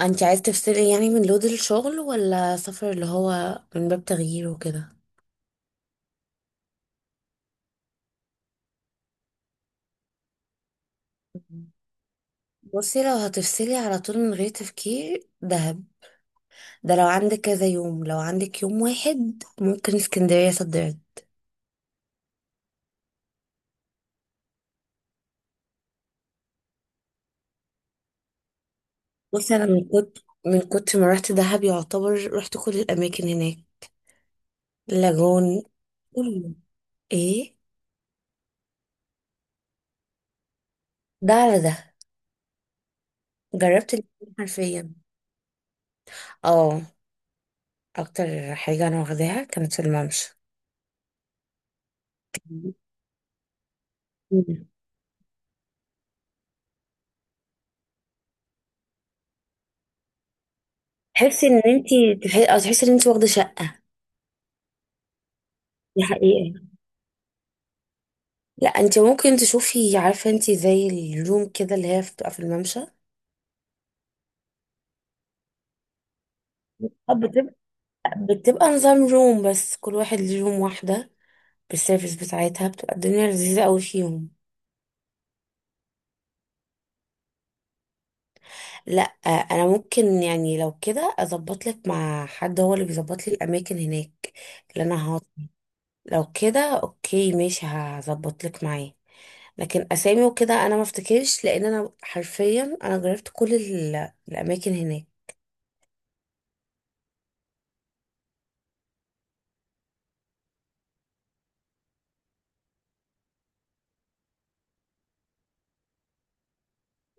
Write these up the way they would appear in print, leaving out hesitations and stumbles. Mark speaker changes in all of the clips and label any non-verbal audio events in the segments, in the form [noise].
Speaker 1: انت عايز تفصلي يعني من لود الشغل ولا سفر اللي هو من باب تغيير وكده؟ مم. بصي، لو هتفصلي على طول من غير تفكير دهب. ده لو عندك كذا يوم، لو عندك يوم واحد ممكن اسكندرية، صدرت. بصي، انا من كنت ما رحت دهب يعتبر رحت كل الاماكن هناك. لاجون، كله، ايه، ده على ده، جربت الاتنين حرفيا. اه، اكتر حاجة انا واخداها كانت في الممشى. [laughs] تحسي ان انت او تحسي ان انت واخده شقه. دي حقيقه. لا انت ممكن تشوفي، عارفه انت زي الروم كده اللي هي بتبقى في الممشى، اه. بتبقى بتبقى نظام روم، بس كل واحد ليه روم واحده بالسيرفيس بتاعتها، بتبقى الدنيا لذيذه قوي فيهم. لا. آه، انا ممكن يعني لو كده اظبط لك مع حد هو اللي بيظبط لي الاماكن هناك اللي انا هقعد. لو كده اوكي ماشي هظبط لك معاه. لكن اسامي وكده انا ما افتكرش، لان انا حرفيا انا جربت كل الاماكن هناك.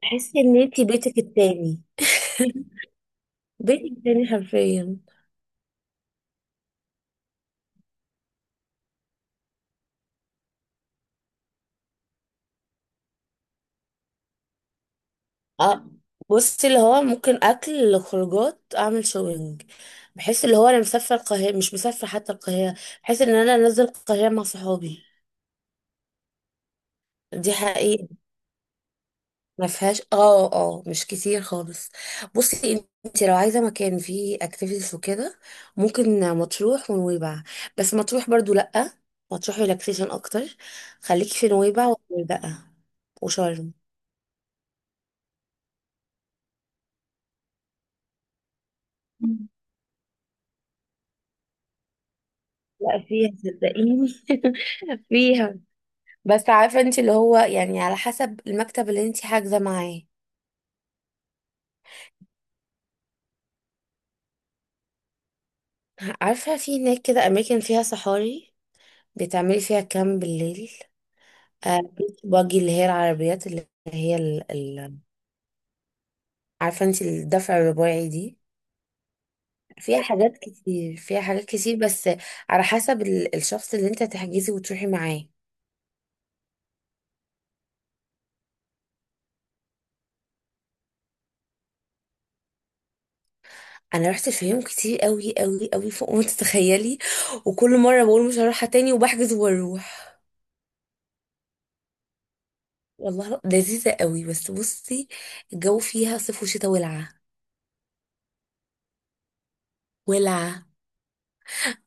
Speaker 1: تحسي ان انتي بيتك التاني. [laughs] بيتك التاني حرفيا. اه، بصي اللي هو ممكن اكل، خروجات، اعمل شوبينج. بحس اللي هو انا مسافره القاهره مش مسافره حتى، القاهره. بحس ان انا نازله القاهره مع صحابي. دي حقيقه. ما فيهاش، اه اه، مش كتير خالص. بصي انت لو عايزه مكان فيه اكتيفيتيز وكده، ممكن مطروح ونويبع. بس مطروح برضو لا، مطروح ريلاكسيشن اكتر. خليكي في نويبع والغردقه وشرم. مم. لا فيها صدقيني، [laughs] فيها. بس عارفه انت اللي هو يعني، على حسب المكتب اللي انت حاجزه معاه. عارفه في هناك كده اماكن فيها صحاري، بتعملي فيها كامب بالليل. آه، بيتش باجي، اللي هي العربيات اللي هي، عارفة انت، الدفع الرباعي دي. فيها حاجات كتير، فيها حاجات كتير، بس على حسب الشخص اللي انت تحجزي وتروحي معاه. انا رحت الفيوم كتير قوي قوي قوي، فوق ما تتخيلي. وكل مره بقول مش هروحها تاني وبحجز واروح. والله لذيذه قوي، بس بصي، الجو فيها صيف وشتاء ولعه. ولعه.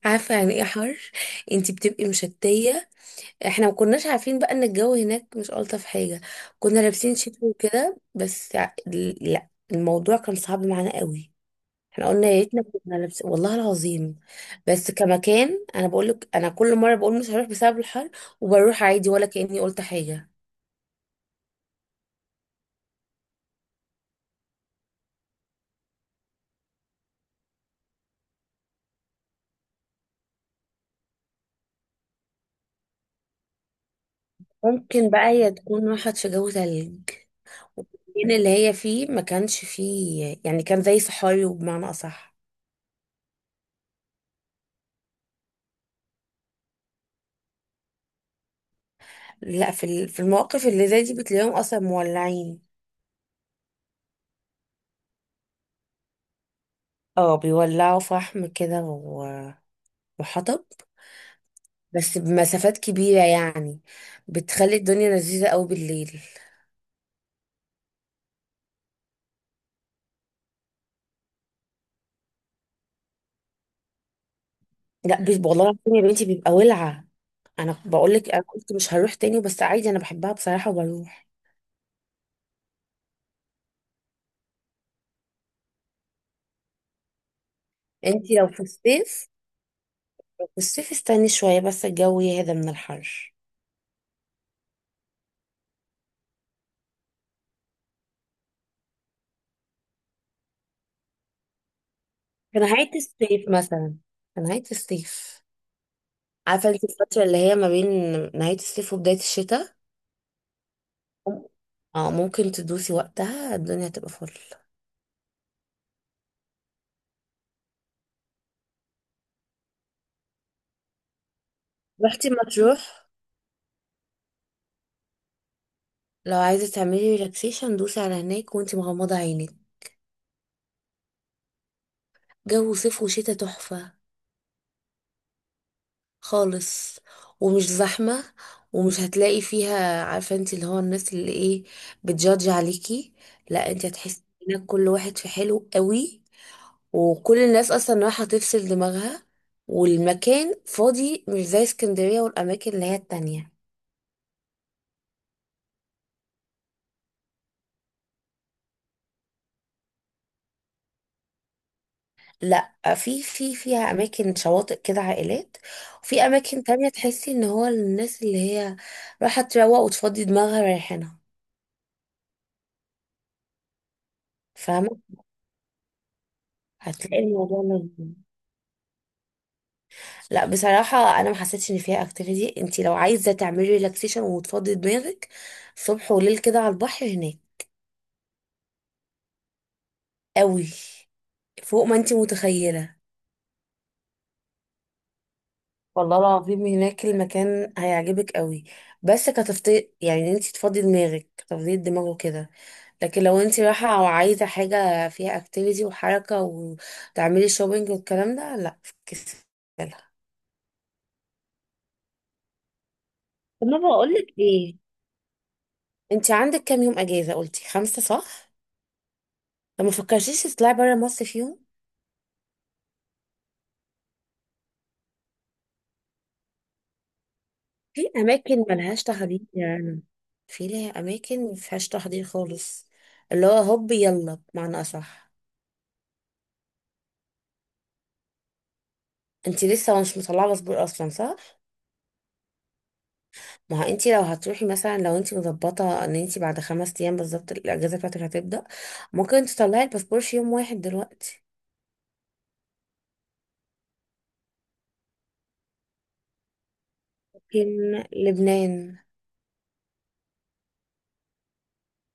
Speaker 1: عارفه يعني ايه حر؟ انت بتبقي مشتيه. احنا ما كناش عارفين بقى ان الجو هناك مش الطف حاجه. كنا لابسين شتوي وكده، بس لا الموضوع كان صعب معانا قوي. احنا قلنا يا ريتنا كنا لابسين، والله العظيم. بس كمكان، انا بقول لك انا كل مره بقول مش هروح بسبب الحر، وبروح عادي ولا كاني قلت حاجه. ممكن بقى هي تكون راحت في جو تلج. المكان اللي هي فيه ما كانش فيه يعني، كان زي صحاري، وبمعنى اصح. لا، في في المواقف اللي زي دي بتلاقيهم اصلا مولعين. اه، بيولعوا فحم كده، وحطب، بس بمسافات كبيرة يعني. بتخلي الدنيا لذيذة قوي بالليل. لا والله العظيم يا بنتي بيبقى ولعة. انا بقول لك انا قلت مش هروح تاني، بس عادي انا بحبها بصراحة وبروح. انتي لو في الصيف استني شوية بس الجو يهدى من الحر. في نهاية الصيف مثلا، في نهاية الصيف. عارفة انتي الفترة اللي هي ما بين نهاية الصيف وبداية الشتاء؟ اه ممكن تدوسي وقتها، الدنيا تبقى فل. رحتي مطروح؟ لو عايزة تعملي ريلاكسيشن دوسي على هناك وانتي مغمضة عينك. جو صيف وشتا تحفة. خالص، ومش زحمة، ومش هتلاقي فيها، عارفة انتي اللي هو الناس اللي ايه، بتجادج عليكي. لا انتي هتحسي انك، كل واحد في حلو قوي، وكل الناس اصلا رايحة تفصل دماغها. والمكان فاضي، مش زي اسكندرية والاماكن اللي هي التانية. لا في فيها اماكن شواطئ كده عائلات. وفي اماكن تانية تحسي ان هو الناس اللي هي رايحة تروق وتفضي دماغها رايحينها. فاهمة. هتلاقي الموضوع لذيذ. لا بصراحة انا ما حسيتش ان فيها اكتيفيتي، انت لو عايزة تعملي ريلاكسيشن وتفضي دماغك، صبح وليل كده على البحر هناك. قوي، فوق ما انت متخيلة. والله العظيم هناك المكان هيعجبك قوي، بس كتفضيل يعني انت تفضي دماغك، تفضي الدماغ وكده. لكن لو انت رايحة او عايزة حاجة فيها اكتيفيتي وحركة وتعملي شوبينج والكلام ده، لا فكسلها. طب ما بقولك ايه، انت عندك كام يوم اجازة؟ قلتي 5 صح؟ طب ما فكرتيش تطلعي برا مصر فيهم؟ في اماكن ملهاش تحضير يعني. في ليها اماكن مفيهاش تحضير خالص. اللي هو هوب يلا بمعنى اصح. انت لسه مش مطلعه باسبور اصلا صح؟ ما هو انت لو هتروحي مثلا، لو انت مظبطه ان انت بعد 5 ايام بالظبط الاجازه بتاعتك هتبدا، ممكن تطلعي الباسبور في يوم واحد دلوقتي. لكن لبنان.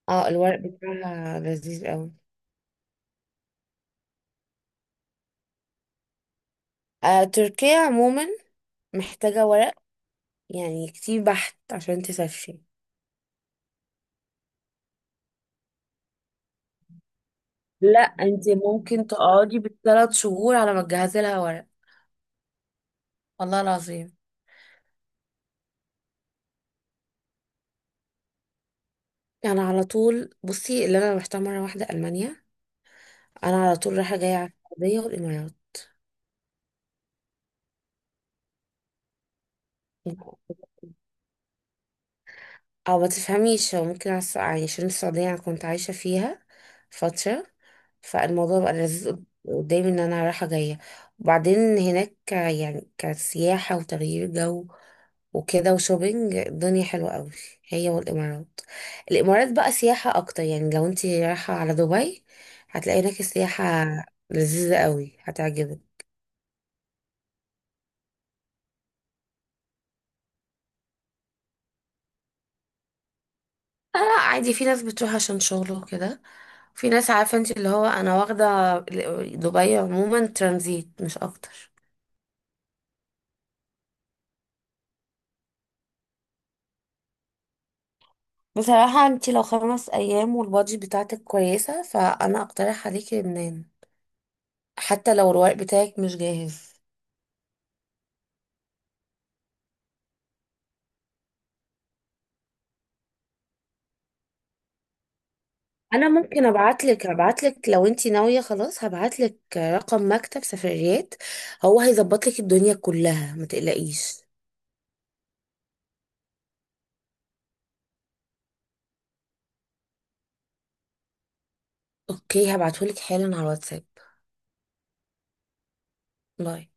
Speaker 1: اه الورق بتاعها لذيذ قوي. آه تركيا عموما، محتاجه ورق يعني كتير بحت عشان تسافري. لا انت ممكن تقعدي بال 3 شهور على ما تجهزي لها ورق. والله العظيم. انا على طول، بصي، اللي انا رحتها مره واحده المانيا. انا على طول رايحه جايه على السعوديه والامارات. او ما تفهميش، هو ممكن يعني عشان السعودية انا كنت عايشة فيها فترة. فالموضوع بقى لذيذ قدامي ان انا رايحة جاية، وبعدين هناك يعني كسياحة وتغيير جو وكده وشوبينج، الدنيا حلوة قوي، هي والامارات. الامارات بقى سياحة اكتر، يعني لو انت رايحة على دبي هتلاقي هناك السياحة لذيذة قوي، هتعجبك. لا لا، عادي في ناس بتروح عشان شغله وكده. في ناس، عارفة انت اللي هو، انا واخدة دبي عموما ترانزيت مش اكتر. بصراحة انت لو 5 ايام والبادجت بتاعتك كويسة، فانا اقترح عليكي لبنان، حتى لو الورق بتاعك مش جاهز. انا ممكن ابعتلك لو انت ناوية خلاص، هبعتلك رقم مكتب سفريات، هو هيظبطلك الدنيا كلها ما تقلقيش. اوكي هبعتهولك حالا على الواتساب. باي.